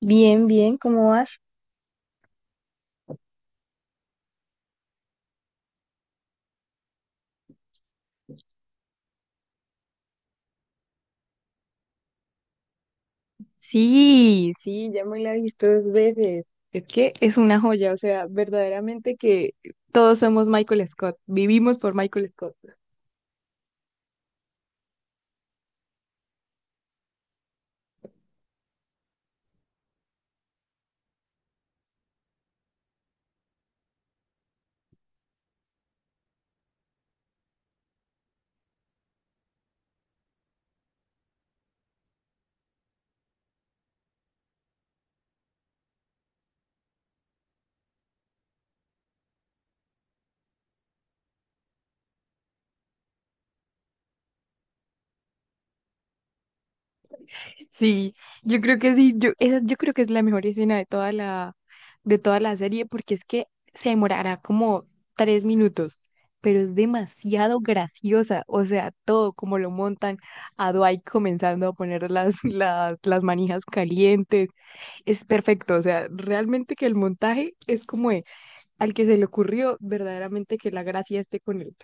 Bien, bien, ¿cómo vas? Sí, sí, ya me la he visto dos veces. Es que es una joya, o sea, verdaderamente que todos somos Michael Scott, vivimos por Michael Scott. Sí, yo creo que sí, yo creo que es la mejor escena de toda la serie, porque es que se demorará como 3 minutos, pero es demasiado graciosa, o sea, todo como lo montan a Dwight comenzando a poner las, las manijas calientes, es perfecto, o sea, realmente que el montaje es como de, al que se le ocurrió verdaderamente que la gracia esté con él.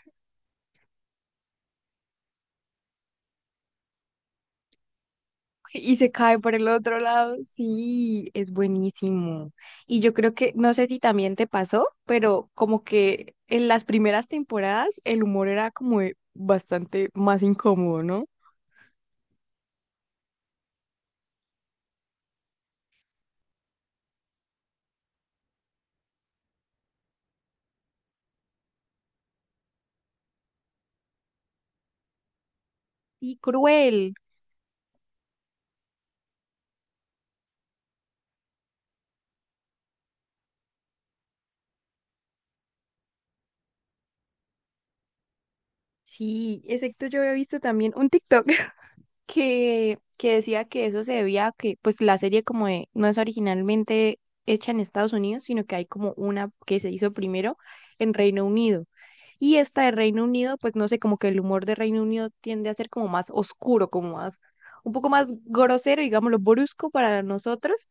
Y se cae por el otro lado. Sí, es buenísimo. Y yo creo que, no sé si también te pasó, pero como que en las primeras temporadas el humor era como de bastante más incómodo, ¿no? Y cruel. Sí, excepto yo había visto también un TikTok que decía que eso se debía a que pues la serie como de- no es originalmente hecha en Estados Unidos, sino que hay como una que se hizo primero en Reino Unido. Y esta de Reino Unido, pues no sé, como que el humor de Reino Unido tiende a ser como más oscuro, como más, un poco más grosero, digámoslo, brusco para nosotros.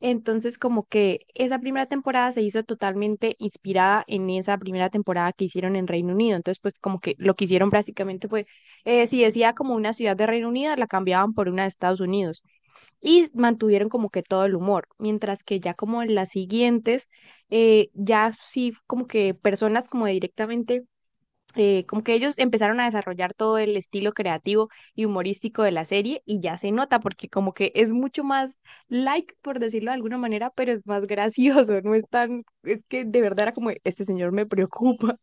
Entonces, como que esa primera temporada se hizo totalmente inspirada en esa primera temporada que hicieron en Reino Unido. Entonces, pues como que lo que hicieron básicamente fue si decía como una ciudad de Reino Unido, la cambiaban por una de Estados Unidos y mantuvieron como que todo el humor, mientras que ya como en las siguientes, ya sí como que personas como directamente, como que ellos empezaron a desarrollar todo el estilo creativo y humorístico de la serie y ya se nota porque como que es mucho más like, por decirlo de alguna manera, pero es más gracioso, no es tan, es que de verdad era como, este señor me preocupa.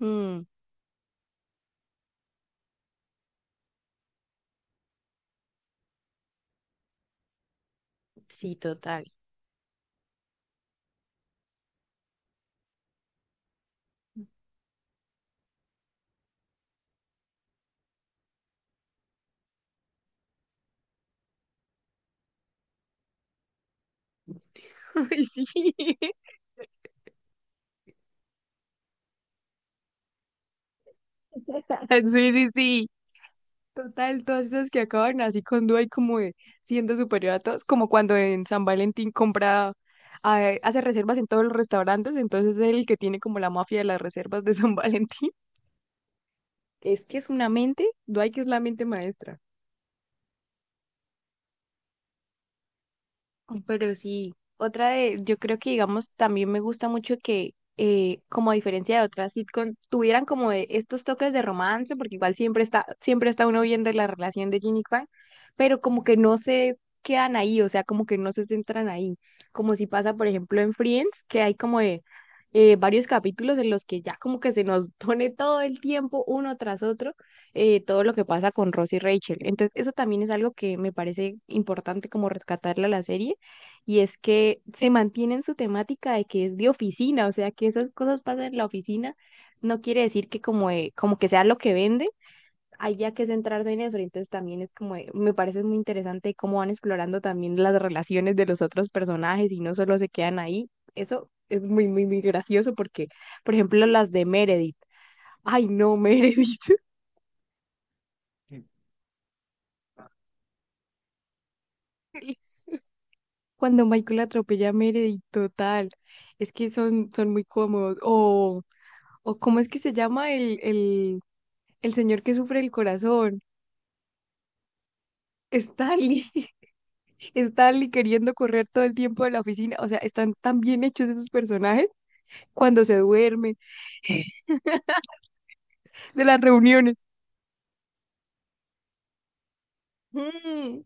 Mm, sí, total. Ay, sí. Sí, sí, sí. Total, todas esas que acaban así con duda y como de siendo superior a todos, como cuando en San Valentín compra, ah, hace reservas en todos los restaurantes, entonces es el que tiene como la mafia de las reservas de San Valentín. Es que es una mente, Dwight que es la mente maestra. Pero sí, otra de, yo creo que digamos, también me gusta mucho que, como a diferencia de otras sitcom, tuvieran como de estos toques de romance, porque igual siempre está uno viendo la relación de Jin y Kwan, pero como que no se quedan ahí, o sea, como que no se centran ahí, como si pasa, por ejemplo, en Friends, que hay como de varios capítulos en los que ya como que se nos pone todo el tiempo, uno tras otro, todo lo que pasa con Ross y Rachel. Entonces, eso también es algo que me parece importante como rescatarle a la serie y es que se mantiene en su temática de que es de oficina, o sea, que esas cosas pasan en la oficina, no quiere decir que como, de- como que sea lo que vende, haya que centrarse en eso. Entonces también es como, de- me parece muy interesante cómo van explorando también las relaciones de los otros personajes y no solo se quedan ahí. Eso es muy, muy, muy gracioso porque, por ejemplo, las de Meredith. Ay, no, Meredith. Cuando Michael atropella a Meredith, total. Es que son muy cómodos. O cómo es que se llama el, el señor que sufre el corazón. Stanley, Stanley queriendo correr todo el tiempo de la oficina, o sea, están tan bien hechos esos personajes cuando se duerme, de las reuniones. Mm,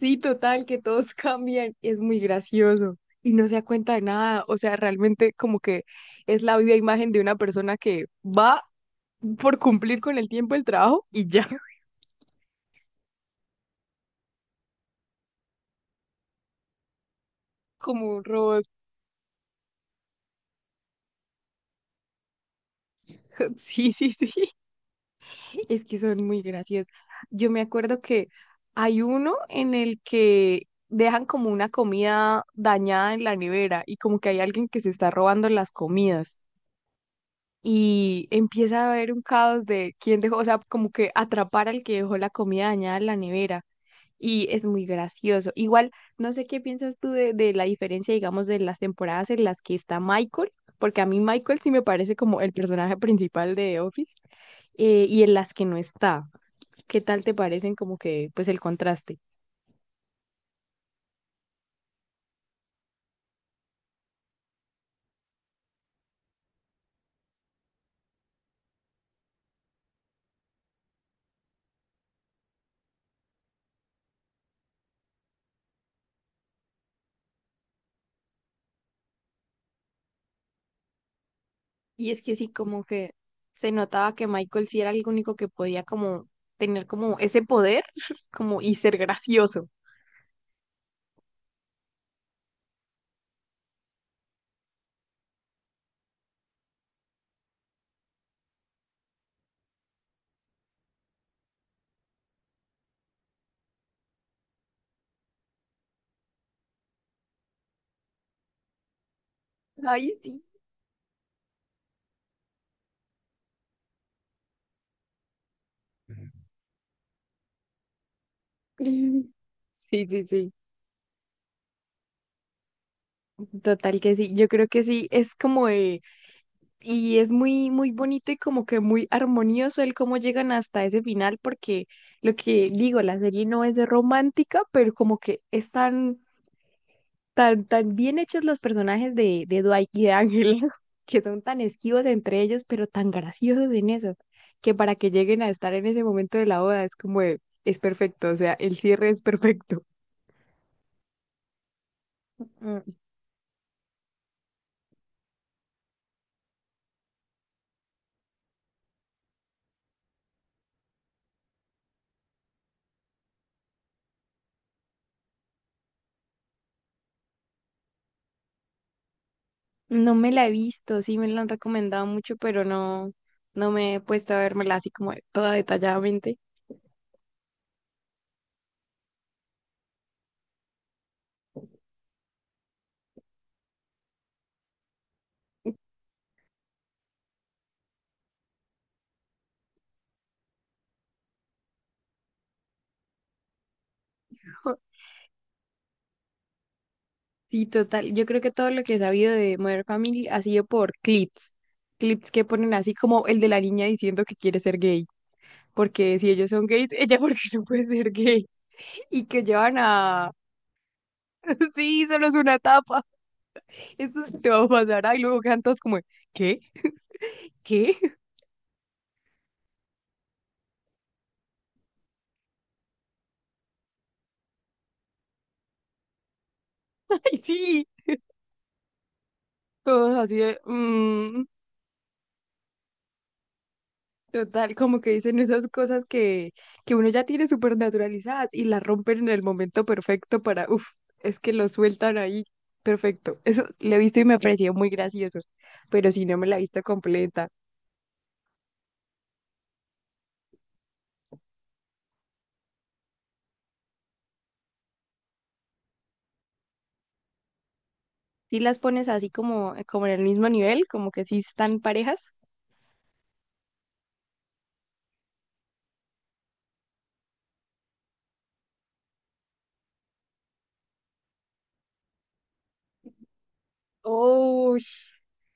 sí, total, que todos cambian, es muy gracioso y no se da cuenta de nada, o sea, realmente como que es la viva imagen de una persona que va por cumplir con el tiempo del trabajo y ya, como un robot. Sí, sí, sí. Es que son muy graciosos. Yo me acuerdo que hay uno en el que dejan como una comida dañada en la nevera y como que hay alguien que se está robando las comidas y empieza a haber un caos de quién dejó, o sea, como que atrapar al que dejó la comida dañada en la nevera y es muy gracioso. Igual, no sé qué piensas tú de la diferencia, digamos, de las temporadas en las que está Michael, porque a mí Michael sí me parece como el personaje principal de The Office, y en las que no está. ¿Qué tal te parecen como que, pues el contraste? Y es que sí, como que se notaba que Michael sí era el único que podía como tener como ese poder, como y ser gracioso. Ay, sí. Sí, sí, sí. Total que sí. Yo creo que sí, es como de y es muy, muy bonito y como que muy armonioso el cómo llegan hasta ese final, porque lo que digo, la serie no es romántica, pero como que están tan, tan bien hechos los personajes de Dwight y de Ángel, que son tan esquivos entre ellos, pero tan graciosos en eso, que para que lleguen a estar en ese momento de la boda es como de, es perfecto, o sea, el cierre es perfecto. Mm. No me la he visto, sí me la han recomendado mucho, pero no, no me he puesto a vérmela así como de- toda detalladamente. Sí, total. Yo creo que todo lo que he sabido de Modern Family ha sido por clips. Clips que ponen así como el de la niña diciendo que quiere ser gay. Porque si ellos son gays, ella porque no puede ser gay. Y que llevan a. Sí, solo es una etapa. Esto sí te va a pasar. Y luego quedan todos como, ¿qué? ¿Qué? Ay, sí. Todos así de mm. Total, como que dicen esas cosas que uno ya tiene súper naturalizadas y las rompen en el momento perfecto para, uff, es que lo sueltan ahí. Perfecto. Eso lo he visto y me pareció muy gracioso, pero si no me la he visto completa. Si las pones así como, como en el mismo nivel, como que sí están parejas. Oh,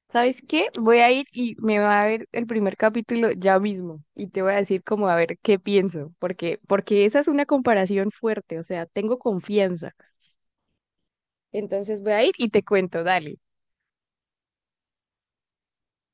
¿sabes qué? Voy a ir y me va a ver el primer capítulo ya mismo y te voy a decir como a ver qué pienso, porque esa es una comparación fuerte, o sea, tengo confianza. Entonces voy a ir y te cuento, dale.